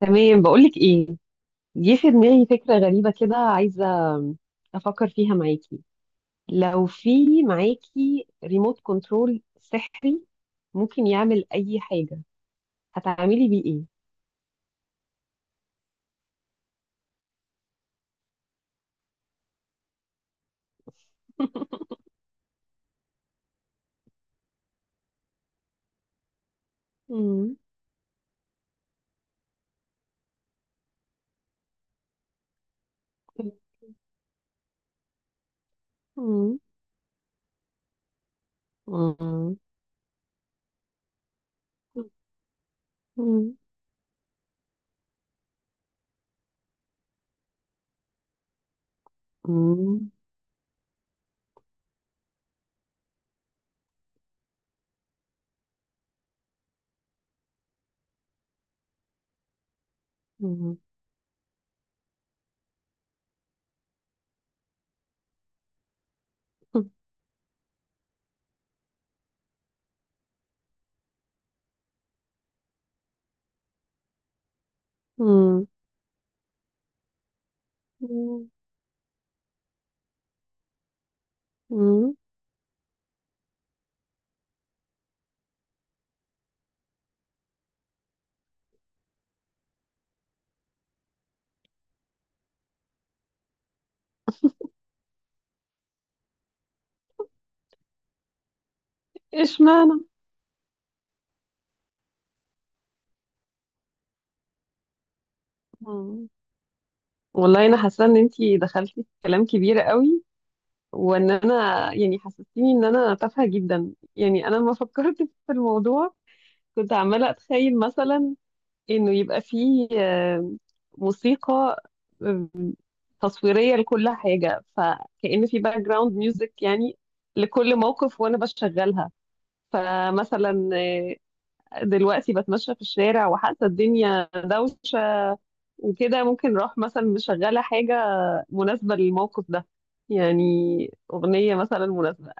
تمام، بقولك ايه، جه في دماغي فكرة غريبة كده، عايزة افكر فيها معاكي. لو في معاكي ريموت كنترول سحري ممكن يعمل اي حاجة، هتعملي بيه ايه؟ مم. مم. مم. مم. مم. مم. مم. مم. اشمعنى؟ مم. والله انا حاسة ان انتي دخلتي في كلام كبير قوي، وان انا يعني حسستيني ان انا تافهه جدا. يعني انا لما فكرت في الموضوع كنت عماله اتخيل مثلا انه يبقى فيه موسيقى آه، تصويريه لكل حاجه، فكأن في باك جراوند ميوزك يعني لكل موقف، وانا بشغلها. فمثلا دلوقتي بتمشى في الشارع وحاسه الدنيا دوشه وكده، ممكن اروح مثلا مشغله حاجه مناسبه للموقف ده، يعني اغنيه مثلا مناسبه.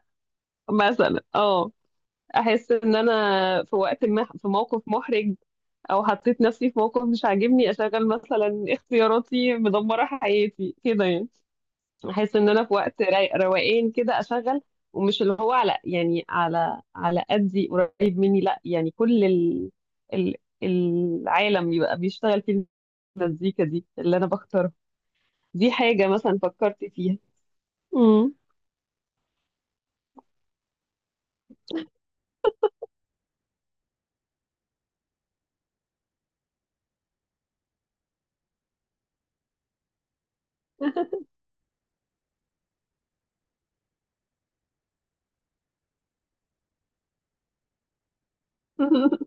مثلا اه، احس ان انا في وقت ما في موقف محرج، او حطيت نفسي في موقف مش عاجبني، اشغل مثلا اختياراتي مدمره حياتي كده يعني. احس ان انا في وقت روقان كده اشغل، ومش اللي هو على يعني على قدي قريب مني، لا، يعني كل ال ال العالم يبقى بيشتغل في المزيكا دي اللي انا بختارها. دي حاجه مثلا فكرت فيها. مم.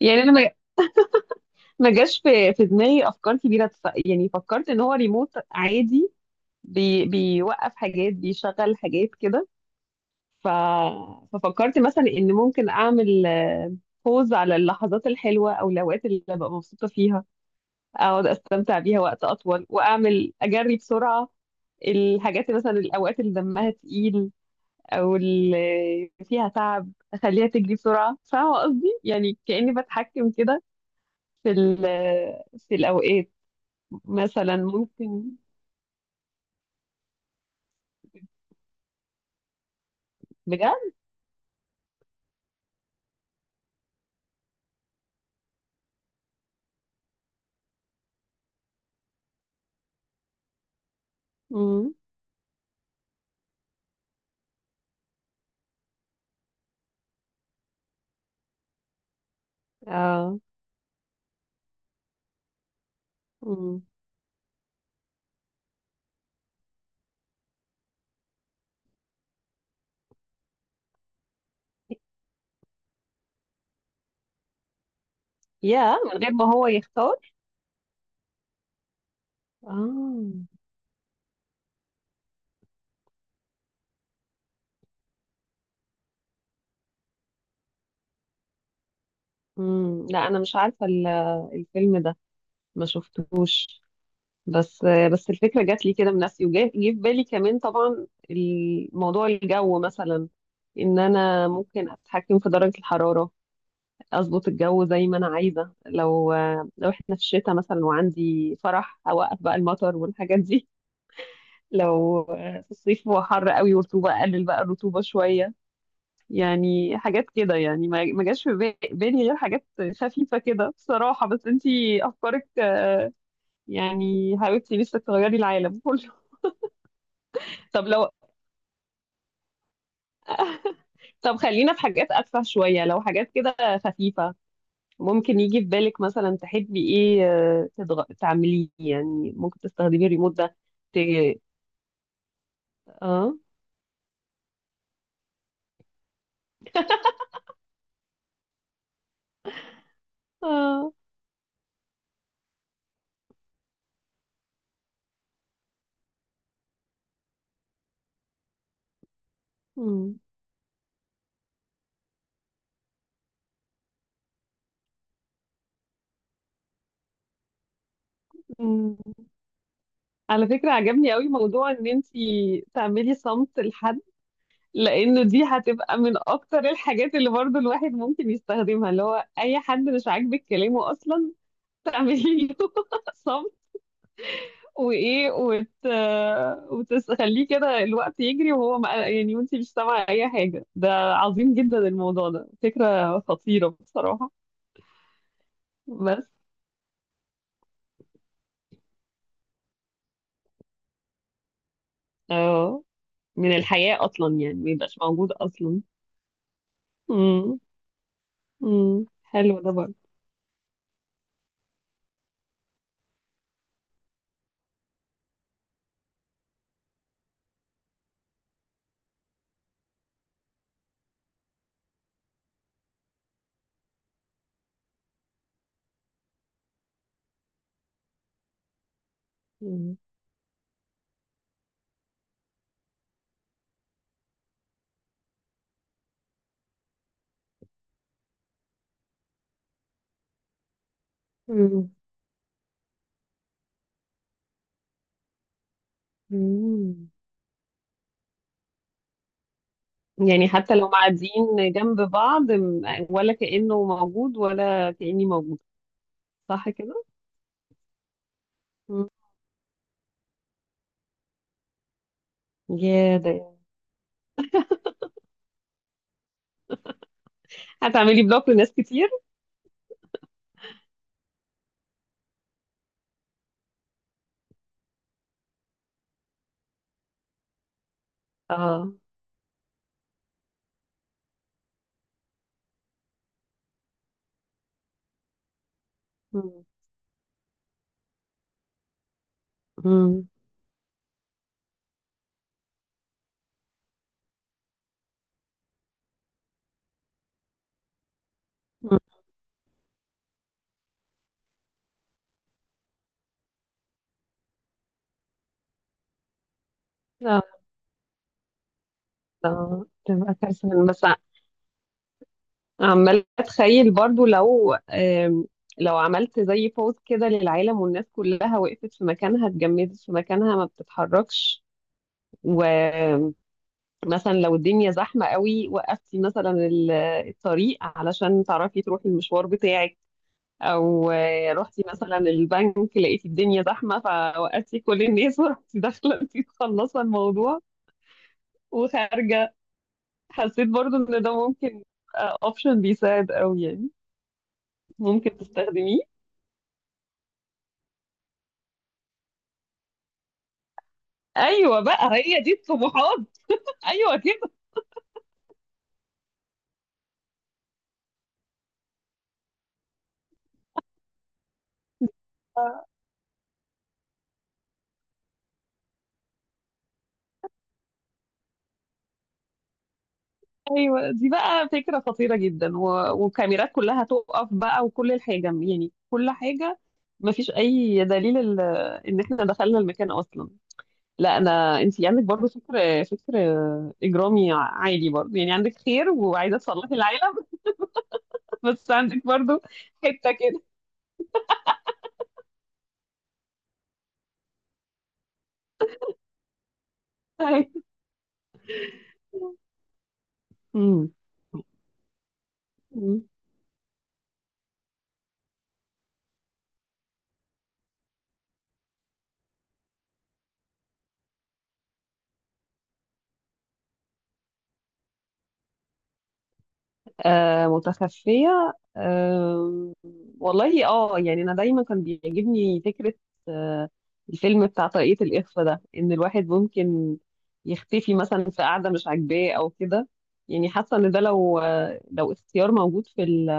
يعني انا ما جاش في دماغي افكار كبيره، يعني فكرت ان هو ريموت عادي، بيوقف حاجات بيشغل حاجات كده. ف... ففكرت مثلا ان ممكن اعمل بوز على اللحظات الحلوه او الاوقات اللي ببقى مبسوطه فيها، اقعد استمتع بيها وقت اطول، واعمل اجري بسرعه الحاجات اللي مثلا الاوقات اللي دمها تقيل، او اللي فيها تعب اخليها تجري بسرعه. فاهمه قصدي؟ يعني كاني بتحكم كده في ال- في الاوقات. مثلا ممكن. بجد. امم. اه. امم. يا، من غير ما هو يختار. اه. امم. لا، انا مش عارفه الفيلم ده، ما شفتهوش. بس بس الفكره جات لي كده من نفسي، جه في بالي كمان، طبعا الموضوع الجو مثلا، ان انا ممكن اتحكم في درجه الحراره، اظبط الجو زي ما انا عايزه. لو احنا في الشتاء مثلا وعندي فرح، اوقف بقى المطر والحاجات دي. لو في الصيف هو حر قوي ورطوبة، قلل بقى الرطوبة شوية. يعني حاجات كده، يعني ما جاش في بالي غير حاجات خفيفة كده بصراحة. بس انتي أفكارك يعني حاولتي لسه تغيري العالم كله. طب لو طب خلينا في حاجات أتفه شوية. لو حاجات كده خفيفة، ممكن يجي في بالك مثلا تحبي ايه تعمليه؟ يعني ممكن تستخدمي الريموت ده ت... اه. اه. مم. على فكرة عجبني قوي موضوع ان انتي تعملي صمت لحد، لانه دي هتبقى من اكتر الحاجات اللي برضو الواحد ممكن يستخدمها، اللي هو اي حد مش عاجبك كلامه اصلا، تعملي له صمت وايه، وتخليه كده الوقت يجري وهو ما... يعني وانتي مش سامعة اي حاجة. ده عظيم جدا الموضوع ده، فكرة خطيرة بصراحة. بس اه، من الحياة اصلا، يعني ما يبقاش موجود اصلا. امم. امم. حلو ده. برضه. مم. مم. يعني حتى لو قاعدين جنب بعض ولا كأنه موجود ولا كأني موجود. صح كده؟ مم. يا ده، هتعملي بلوك لناس كتير؟ اه. مم. مم. مم. لا، لا، تبقى كارثة. أنا بس عمالة أتخيل برضو لو لو عملت زي بوز كده للعالم والناس كلها وقفت في مكانها، اتجمدت في مكانها ما بتتحركش، مثلا لو الدنيا زحمة قوي وقفتي مثلا الطريق علشان تعرفي تروحي المشوار بتاعك، او رحتي مثلا البنك لقيتي الدنيا زحمة فوقفتي كل الناس ورحتي داخلة انتي مخلصة الموضوع وخارجة. حسيت برضو ان ده ممكن اوبشن بيساعد قوي يعني، ممكن تستخدميه. ايوه بقى، هي دي الطموحات. ايوه كده. ايوه، دي بقى فكره خطيره جدا، وكاميرات كلها تقف بقى، وكل الحاجه، يعني كل حاجه ما فيش اي دليل ان احنا دخلنا المكان اصلا. لا، انا انت عندك برضو فكر اجرامي عادي برضو، يعني عندك خير وعايزه تصلحي العالم، بس عندك برضو حته كده. أيوة. مم. آه، متخفية، آه، والله اه، يعني أنا دايما كان بيعجبني فكرة آه الفيلم بتاع طريقة الإخفاء ده، إن الواحد ممكن يختفي مثلا في قعدة مش عاجباه أو كده. يعني حاسة إن ده لو لو اختيار موجود في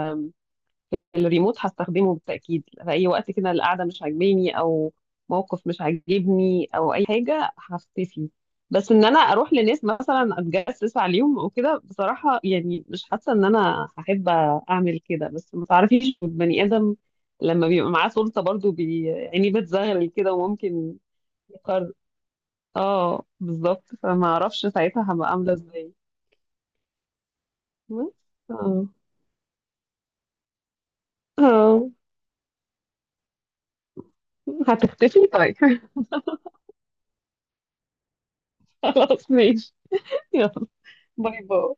الريموت، هستخدمه بالتأكيد في أي وقت كده القعدة مش عاجباني أو موقف مش عاجبني أو أي حاجة هختفي. بس إن أنا أروح لناس مثلا أتجسس عليهم أو كده، بصراحة يعني مش حاسة إن أنا هحب أعمل كده. بس ما تعرفيش البني آدم لما بيبقى معاه سلطة برضو يعني بتزغلل كده وممكن يقرر. اه بالظبط، فما أعرفش ساعتها هبقى عاملة إزاي. بس، اه. اه، هتختفي؟ طيب. خلاص ماشي. يلا. باي باي.